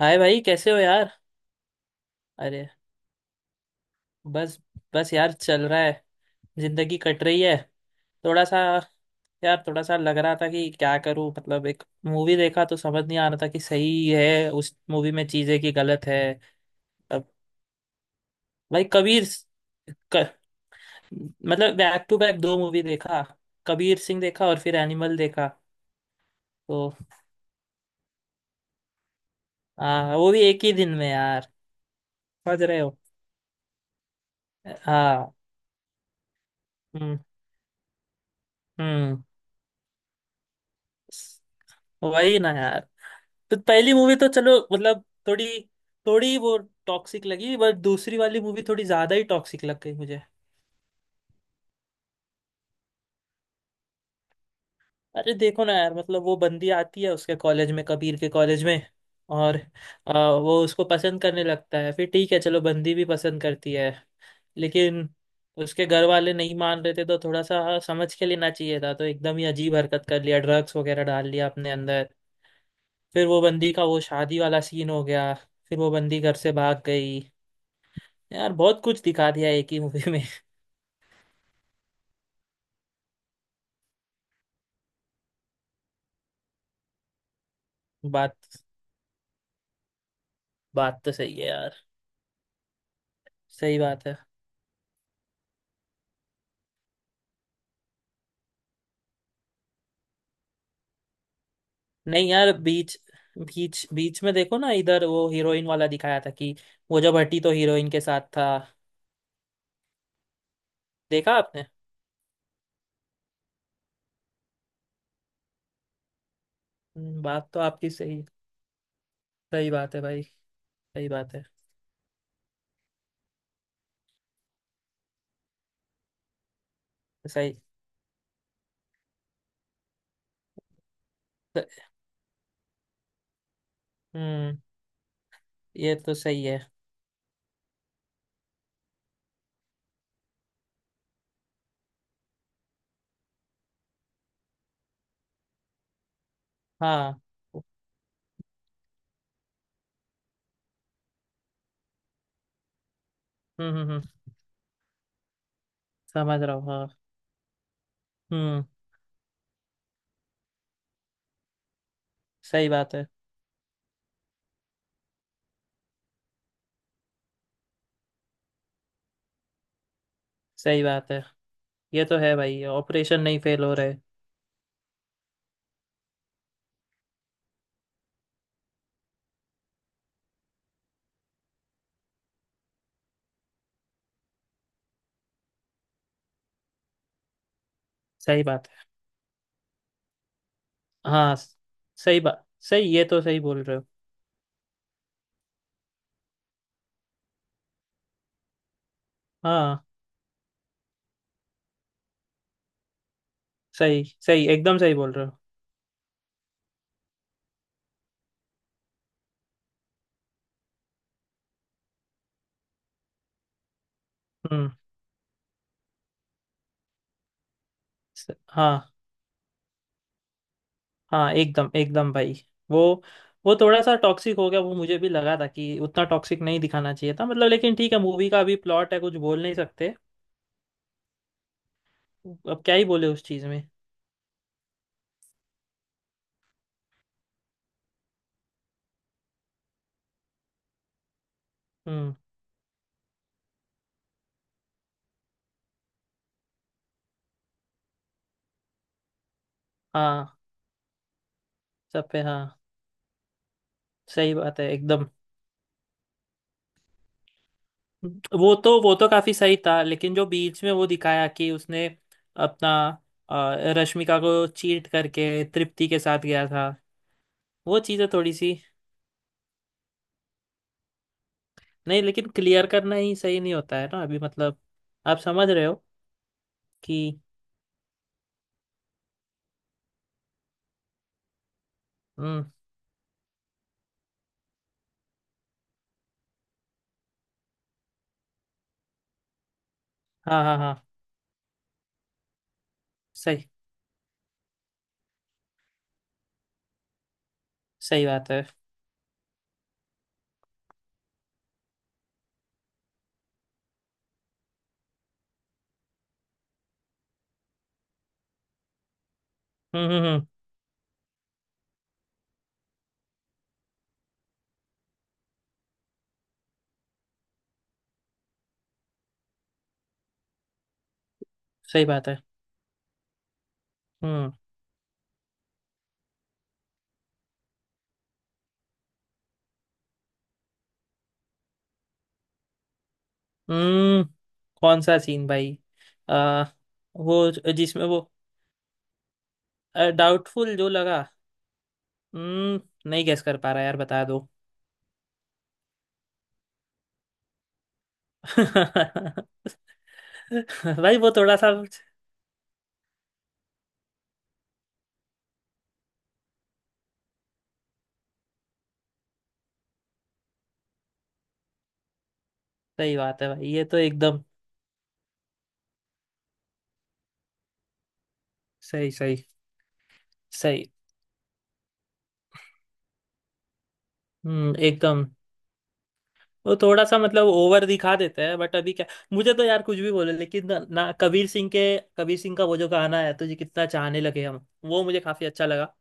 हाय भाई, कैसे हो यार। अरे, बस। बस यार, चल रहा है। जिंदगी कट रही है। थोड़ा सा यार, थोड़ा सा लग रहा था कि क्या करूं। मतलब एक मूवी देखा तो समझ नहीं आ रहा था कि सही है उस मूवी में चीजें कि गलत है। अब भाई कबीर, क, मतलब बैक टू बैक दो मूवी देखा। कबीर सिंह देखा और फिर एनिमल देखा। तो हाँ, वो भी एक ही दिन में यार। समझ रहे हो। हाँ। हम्म। हम्म। वही ना यार। तो पहली मूवी तो चलो मतलब थोड़ी थोड़ी वो टॉक्सिक लगी, बट दूसरी वाली मूवी थोड़ी ज्यादा ही टॉक्सिक लग गई मुझे। अरे देखो ना यार, मतलब वो बंदी आती है उसके कॉलेज में, कबीर के कॉलेज में। और वो उसको पसंद करने लगता है। फिर ठीक है, चलो बंदी भी पसंद करती है, लेकिन उसके घर वाले नहीं मान रहे थे। तो थोड़ा सा समझ के लेना चाहिए था, तो एकदम ही अजीब हरकत कर लिया, ड्रग्स वगैरह डाल लिया अपने अंदर। फिर वो बंदी का वो शादी वाला सीन हो गया। फिर वो बंदी घर से भाग गई। यार बहुत कुछ दिखा दिया एक ही मूवी में। बात, बात तो सही है यार। सही बात है। नहीं यार, बीच बीच बीच में देखो ना, इधर वो हीरोइन वाला दिखाया था कि वो जब हटी तो हीरोइन के साथ था। देखा आपने। बात तो आपकी सही। सही बात है भाई। सही बात है। सही। स- हम्म। ये तो सही है। हाँ। हम्म हम्म हम्म, समझ रहा हूँ। हाँ। हम्म। सही बात है। सही बात है। ये तो है भाई, ऑपरेशन नहीं फेल हो रहे। सही बात है। हाँ, सही बात। सही, ये तो सही बोल रहे हो। हाँ, सही सही, एकदम सही बोल रहे हो। हम्म। हाँ। हाँ एकदम, एकदम भाई। वो वो थोड़ा सा टॉक्सिक हो गया, वो मुझे भी लगा था कि उतना टॉक्सिक नहीं दिखाना चाहिए था, मतलब। लेकिन ठीक है, मूवी का अभी प्लॉट है, कुछ बोल नहीं सकते। अब क्या ही बोले उस चीज़ में। हम्म। हाँ सब पे, हाँ। सही बात है एकदम। वो तो, वो तो काफी सही था, लेकिन जो बीच में वो दिखाया कि उसने अपना रश्मिका को चीट करके तृप्ति के साथ गया था। वो चीज़ें थोड़ी सी, नहीं, लेकिन क्लियर करना ही सही नहीं होता है ना अभी, मतलब। आप समझ रहे हो कि। हम्म। हाँ हाँ हाँ। सही। सही बात है। हम्म हम्म हम्म, सही बात है। हम्म। हम्म। कौन सा सीन भाई। आ, वो जिसमें वो डाउटफुल जो लगा। हम्म, नहीं गेस कर पा रहा यार, बता दो। भाई वो थोड़ा सा। सही बात है भाई, ये तो एकदम। सही सही सही। एकदम। वो थोड़ा सा मतलब ओवर दिखा देते हैं बट अभी क्या। मुझे तो यार कुछ भी बोले, लेकिन ना कबीर सिंह के, कबीर सिंह का वो जो गाना है तुझे कितना चाहने लगे हम, वो मुझे काफी अच्छा लगा।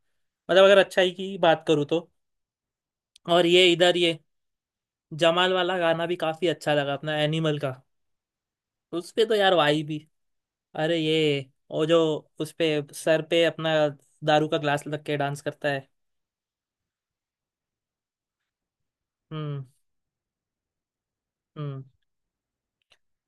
मतलब अगर अच्छाई की बात करूँ तो। और ये इधर ये जमाल वाला गाना भी काफी अच्छा लगा अपना एनिमल का। उस पे तो यार वाई भी। अरे ये, वो जो उस पे सर पे अपना दारू का ग्लास रख के डांस करता है। हम्म। हम्म।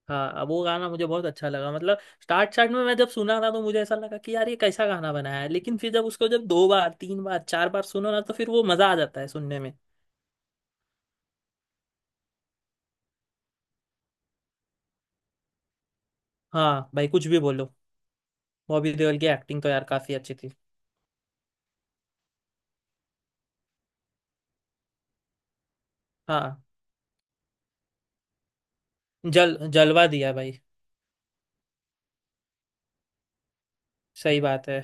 हाँ, अब वो गाना मुझे बहुत अच्छा लगा, मतलब। स्टार्ट स्टार्ट में मैं जब सुना था तो मुझे ऐसा लगा कि यार ये कैसा गाना बनाया है, लेकिन फिर जब उसको जब दो बार तीन बार चार बार सुनो ना, तो फिर वो मजा आ जाता है सुनने में। हाँ भाई, कुछ भी बोलो, बॉबी देओल की एक्टिंग तो यार काफी अच्छी थी। हाँ, जल जलवा दिया भाई। सही बात है।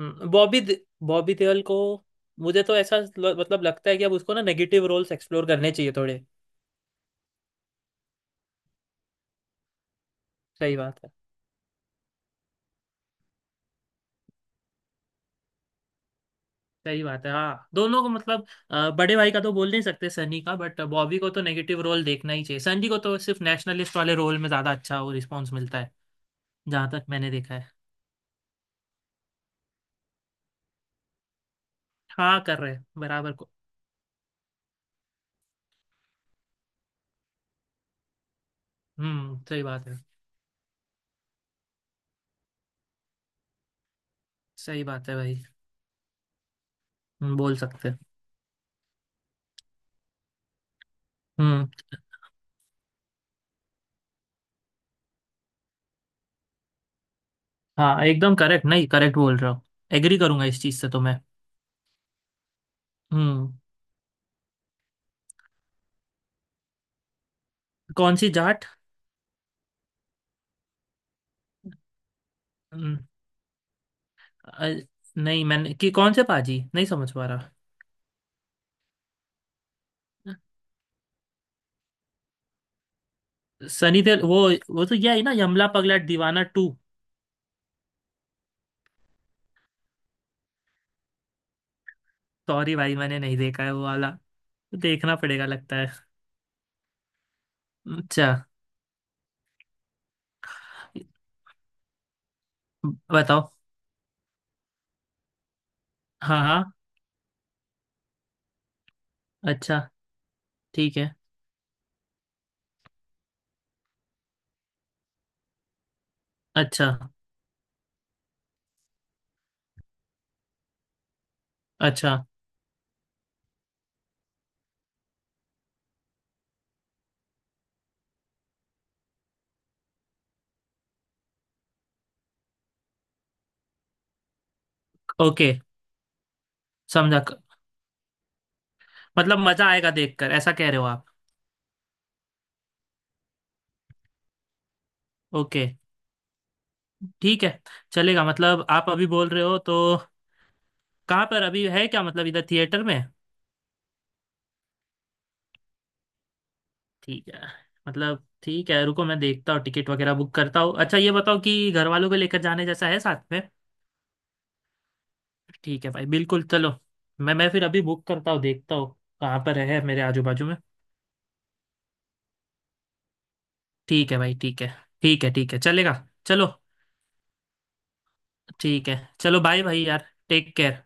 हम्म, बॉबी दे- बॉबी देओल को मुझे तो ऐसा मतलब लगता है कि अब उसको ना नेगेटिव रोल्स एक्सप्लोर करने चाहिए थोड़े। सही बात है। सही बात है, हाँ दोनों को मतलब, बड़े भाई का तो बोल नहीं सकते, सनी का, बट बॉबी को तो नेगेटिव रोल देखना ही चाहिए। सनी को तो सिर्फ नेशनलिस्ट वाले रोल में ज्यादा अच्छा वो रिस्पॉन्स मिलता है, जहां तक मैंने देखा है। हाँ, कर रहे हैं, बराबर को। हम्म, सही बात है। सही बात है भाई। बोल सकते हैं। हम्म। हाँ एकदम करेक्ट, नहीं करेक्ट बोल रहा हूँ। एग्री करूंगा इस चीज से तो मैं। हम्म। कौन सी जाट। हम्म, अ, नहीं मैंने, कि कौन से पाजी नहीं समझ पा रहा। सनी देओल, वो तो यह है ना, यमला पगला दीवाना टू। सॉरी भाई, मैंने नहीं देखा है वो वाला, तो देखना पड़ेगा लगता है। अच्छा। बताओ। हाँ हाँ। अच्छा। ठीक है। अच्छा। अच्छा। ओके। समझा, मतलब मजा आएगा देखकर ऐसा कह रहे हो आप। ओके, ठीक है। चलेगा, मतलब आप अभी बोल रहे हो तो। कहाँ पर अभी है क्या, मतलब इधर थिएटर में। ठीक है, मतलब ठीक है, रुको मैं देखता हूँ टिकट वगैरह बुक करता हूँ। अच्छा ये बताओ कि घर वालों को लेकर जाने जैसा है साथ में। ठीक है भाई, बिल्कुल चलो। मैं फिर अभी बुक करता हूँ, देखता हूँ। कहाँ पर है मेरे आजू बाजू में। ठीक है भाई, ठीक है। ठीक है। ठीक है, चलेगा। चलो। ठीक है। चलो बाय भाई, यार टेक केयर।